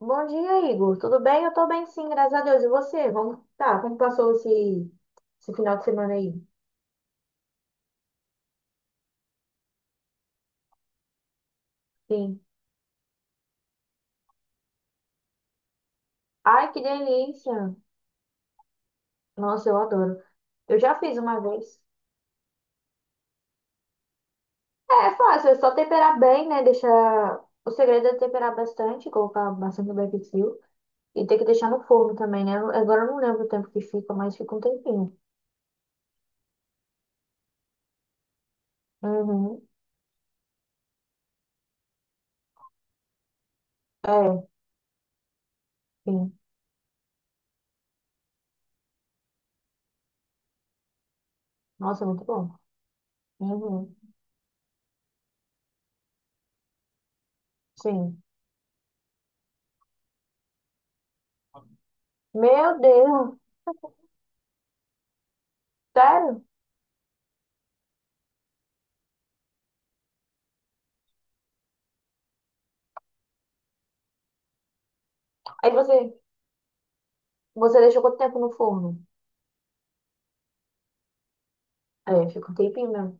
Bom dia, Igor. Tudo bem? Eu tô bem, sim, graças a Deus. E você? Vamos... Tá, como passou esse final de semana aí? Sim. Ai, que delícia! Nossa, eu adoro. Eu já fiz uma vez. É fácil, é só temperar bem, né? Deixar. O segredo é temperar bastante, colocar bastante barbecue. E tem que deixar no forno também, né? Agora eu não lembro o tempo que fica, mas fica um tempinho. Uhum. É, sim. Nossa, é muito bom. Uhum. Sim. Meu Deus! Sério? Aí você. Você deixou quanto tempo no forno? É, fica um tempinho mesmo.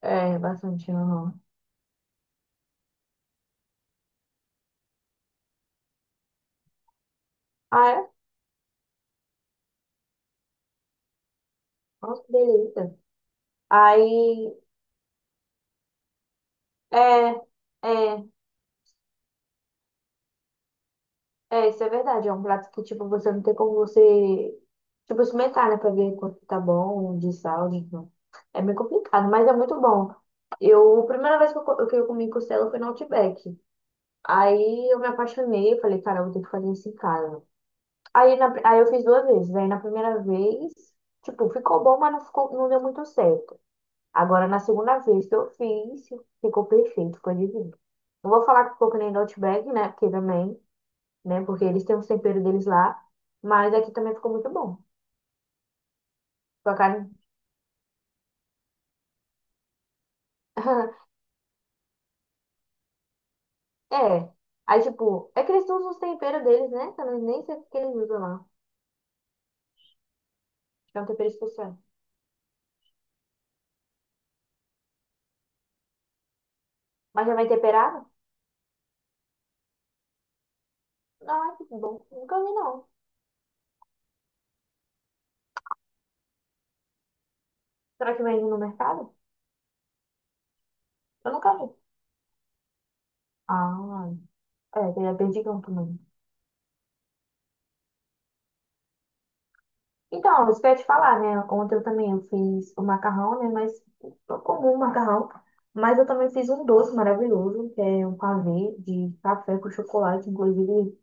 É, bastante, não. Ah, é? Nossa, que delícia. Aí, é, é, é, isso é verdade. É um prato que, tipo, você não tem como você, tipo, experimentar, né? Pra ver quanto tá bom de sal, de... não. É meio complicado, mas é muito bom. A primeira vez que eu comi costela foi no Outback. Aí eu me apaixonei, eu falei, cara, eu vou ter que fazer isso em casa. Aí eu fiz duas vezes. Aí na primeira vez, tipo, ficou bom, mas não ficou, não deu muito certo. Agora na segunda vez que eu fiz, ficou perfeito, ficou divino. Não vou falar que ficou que nem do Outback, né? Porque também, né? Porque eles têm os temperos deles lá. Mas aqui também ficou muito bom. Com a carne. É. Aí, tipo, é que eles usam os temperos deles, né? Eu nem sei o que eles usam lá. É um tempero especial. Mas já vem temperado? Não, é que bom. Nunca vi, não. Será que vende no mercado? Eu nunca vi. Ah. É, tem a Perdigão também. Então, isso que eu ia te falar, né? Ontem eu também eu fiz o macarrão, né? Mas o comum macarrão. Mas eu também fiz um doce maravilhoso, que é um pavê de café com chocolate. Inclusive,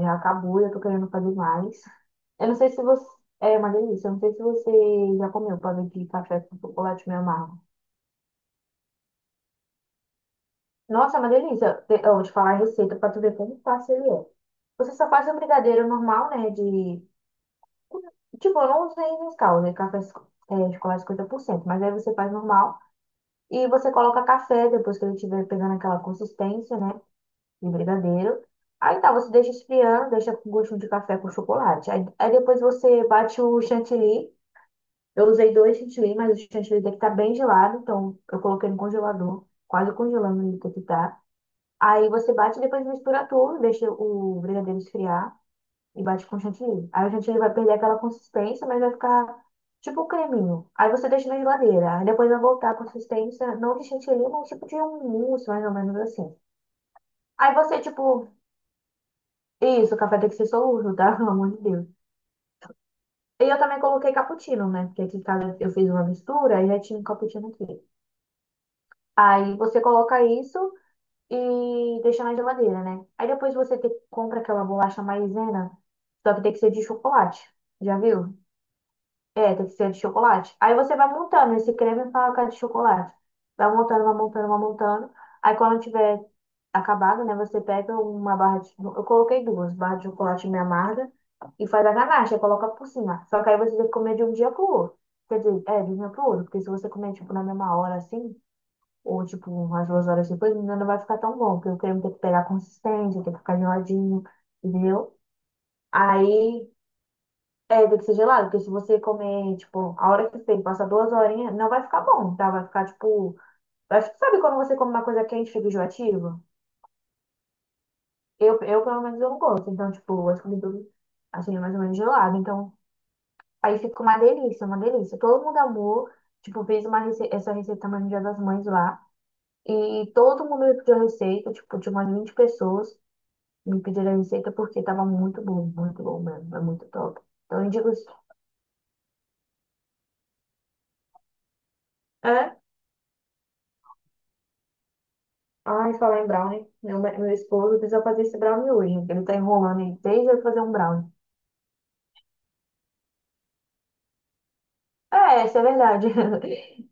já acabou, já tô querendo fazer mais. Eu não sei se você. É uma delícia. Eu não sei se você já comeu pavê de café com chocolate meio amargo. Nossa, é uma delícia. Eu vou te falar a receita pra tu ver como fácil ele é. Você só faz o brigadeiro normal, né? De tipo, eu não usei Nescau, né? É, chocolate 50%, mas aí você faz normal e você coloca café depois que ele estiver pegando aquela consistência, né? De brigadeiro. Aí tá, você deixa esfriando, deixa com gostinho de café com chocolate. Aí depois você bate o chantilly. Eu usei dois chantilly, mas o chantilly daqui tá bem gelado, então eu coloquei no congelador, quase congelando ele daqui tá. Aí você bate e depois mistura tudo, deixa o brigadeiro esfriar e bate com chantilly. Aí o chantilly vai perder aquela consistência, mas vai ficar tipo um creminho. Aí você deixa na geladeira. Aí depois vai voltar a consistência, não de chantilly, mas um tipo de um mousse, mais ou menos assim. Aí você, tipo, isso, o café tem que ser solúvel, tá? Pelo amor de Deus. E eu também coloquei cappuccino, né? Porque aqui em casa eu fiz uma mistura e já tinha um cappuccino aqui. Aí você coloca isso e deixa na geladeira, né? Aí depois compra aquela bolacha maisena, só que tem que ser de chocolate. Já viu? É, tem que ser de chocolate. Aí você vai montando esse creme pra cara de chocolate. Vai montando, vai montando, vai montando. Aí quando tiver acabado, né, você pega uma barra de... Eu coloquei duas, barra de chocolate meio amarga e faz a ganache, aí coloca por cima. Só que aí você tem que comer de um dia pro outro. Quer dizer, é, de um dia pro outro. Porque se você comer, tipo, na mesma hora, assim, ou, tipo, umas duas horas depois, não vai ficar tão bom. Porque o creme tem que pegar consistência, tem que ficar geladinho, entendeu? Aí é, tem que ser gelado, porque se você comer, tipo, a hora que você passar duas horinhas, não vai ficar bom, tá? Vai ficar, tipo... Acho que sabe quando você come uma coisa quente, fica enjoativa? Pelo menos, eu não gosto. Então, tipo, acho que tudo, assim, é mais ou menos gelado. Então, aí fica uma delícia, uma delícia. Todo mundo amou. Tipo, fez uma essa receita também no Dia das Mães lá. E todo mundo me pediu a receita, tipo, tinha umas 20 pessoas me pediram a receita porque tava muito bom mesmo. É muito top. Então, eu indico... É? Ai, falar em brownie, meu esposo precisa fazer esse brownie hoje. Porque ele tá enrolando aí desde eu fazer um brownie. É, isso é verdade.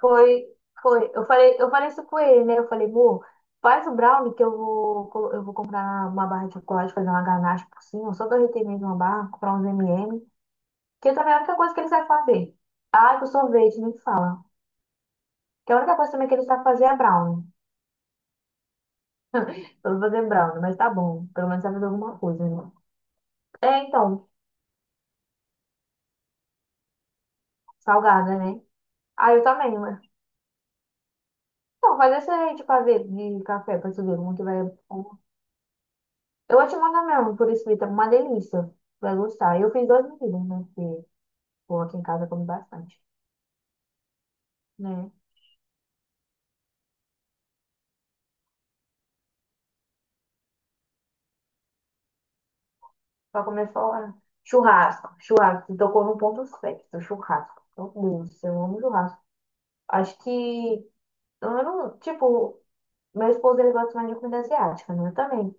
Foi, foi. Eu falei isso com ele, né? Eu falei, amor, faz o brownie que eu vou comprar uma barra de chocolate, fazer uma ganache por cima, só derreter mesmo uma barra, comprar uns M&M, que também é a única coisa que ele sabe fazer. Ah, que o sorvete, nem fala. Que a única coisa também que ele sabe fazer é brownie. Eu vou fazer brownie, mas tá bom. Pelo menos sabe fazer alguma coisa, né? É, então, salgada, né? Ah, eu também. Né? Então, faz esse aí de café pra tu ver como que vai. Eu vou te mandar mesmo, por escrito, é uma delícia. Vai gostar. Eu fiz duas medidas, né? Porque, pô, aqui em casa eu como bastante, né? Pra comer fora. Churrasco, churrasco. Tu tocou num ponto certo, churrasco. Meu Deus, eu amo churrasco. Acho que, eu não, tipo, meu esposo, ele gosta mais de comida asiática, né? Eu também.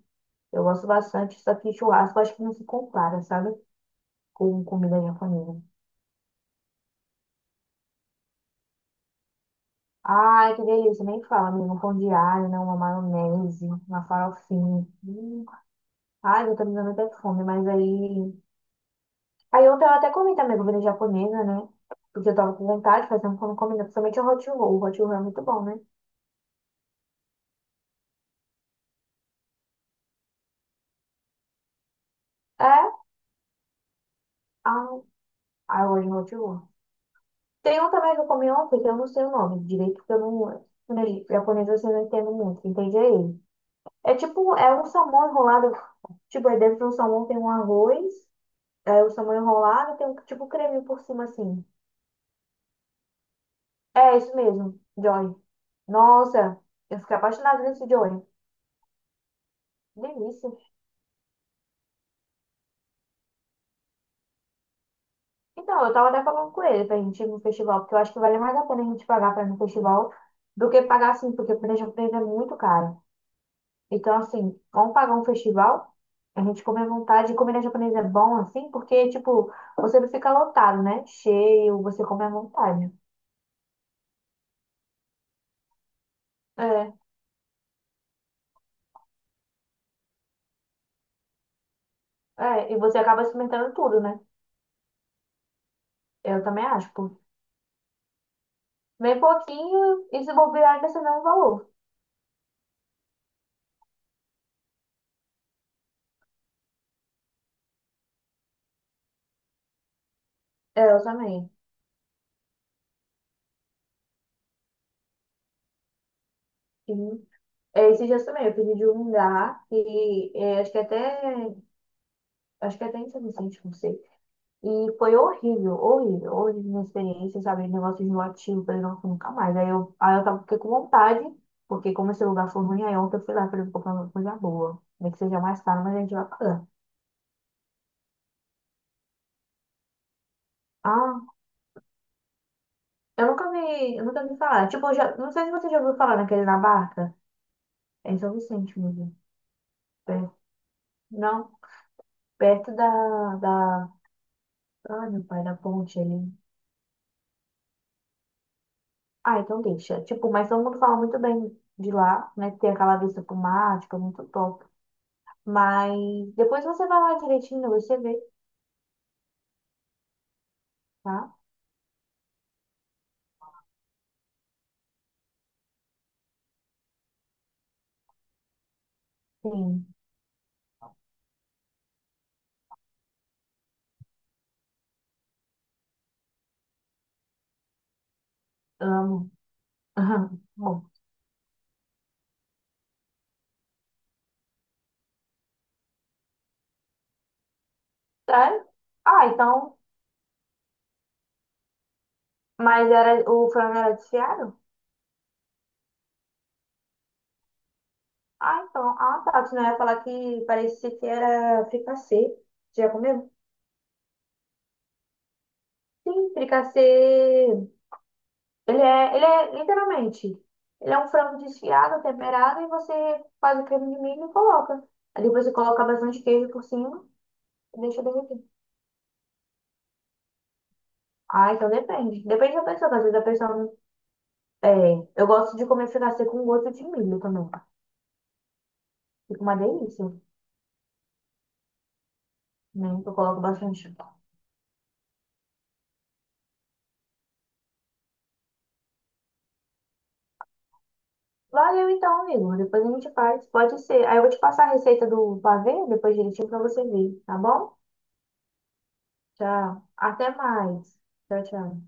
Eu gosto bastante, só que churrasco acho que não se compara, sabe? Com comida japonesa. Ai, que delícia, nem fala, menino. Um pão de alho, né? Uma maionese, uma farofinha. Hum. Ai, eu tô me dando até fome, mas aí. Aí ontem eu até comi também comida japonesa, né? Porque eu tava com vontade de fazer uma comida, principalmente o hot roll. O hot roll é muito bom, né? É? Ah, ah, eu gosto de hot roll. Tem um também que eu comi ontem, que eu não sei o nome direito, porque eu não. Quando ele- japonês assim, eu não entendo muito, entende aí? É tipo, é um salmão enrolado. Tipo, aí dentro do salmão tem um arroz. Aí o samba enrolado tem um tipo creme por cima assim. É isso mesmo, Joy. Nossa, eu fiquei apaixonada nesse Joy. Delícia. Então, eu tava até falando com ele pra gente ir no festival, porque eu acho que vale mais a pena a gente pagar pra ir no festival do que pagar assim, porque o planejamento japonês é muito caro. Então, assim, vamos pagar um festival, a gente come à vontade, e comer na japonesa é bom, assim, porque, tipo, você não fica lotado, né? Cheio, você come à vontade. É, é, e você acaba experimentando tudo, né? Eu também acho, bem pouquinho e se bobear ainda você não valor. É, eu também. Sim. É, esses dias também, eu pedi de um lugar e é, acho que até em São Vicente, não sei. E foi horrível, horrível, horrível minha experiência, sabe? Negócio enjoativo, falei, não, fui nunca mais. Aí eu tava, fiquei com vontade, porque como esse lugar foi ruim, aí ontem eu fui lá, falei, vou comprar uma coisa boa. Nem que seja mais caro, mas a gente vai pagar. Ah, eu nunca vi falar. Tipo, eu já, não sei se você já ouviu falar naquele na barca. É em São Vicente mesmo. É. Não? Perto da, da. Ai, meu pai, da ponte ali. Ah, então deixa. Tipo, mas todo mundo fala muito bem de lá, né? Que tem aquela vista pro mar, tipo, é muito top. Mas depois você vai lá direitinho, você vê, tá? Sim, amo. Bom, tá? Ah, então. Mas era, o frango era desfiado? Ah, então. Ah, tá. Senão eu ia falar que parecia que era fricassê. Você já comeu? Sim, fricassê. Ele é literalmente, ele é um frango desfiado, temperado, e você faz o creme de milho e coloca. Aí depois você coloca bastante queijo por cima e deixa derreter. Ah, então depende. Depende da pessoa, que às vezes a pessoa não- é, eu gosto de comer fricassê com gosto de milho também. Fica uma delícia, né? Eu coloco bastante. Valeu então, amigo. Depois a gente faz. Pode ser. Aí eu vou te passar a receita do pavê, depois direitinho pra você ver, tá bom? Tchau. Até mais. Tchau, tchau.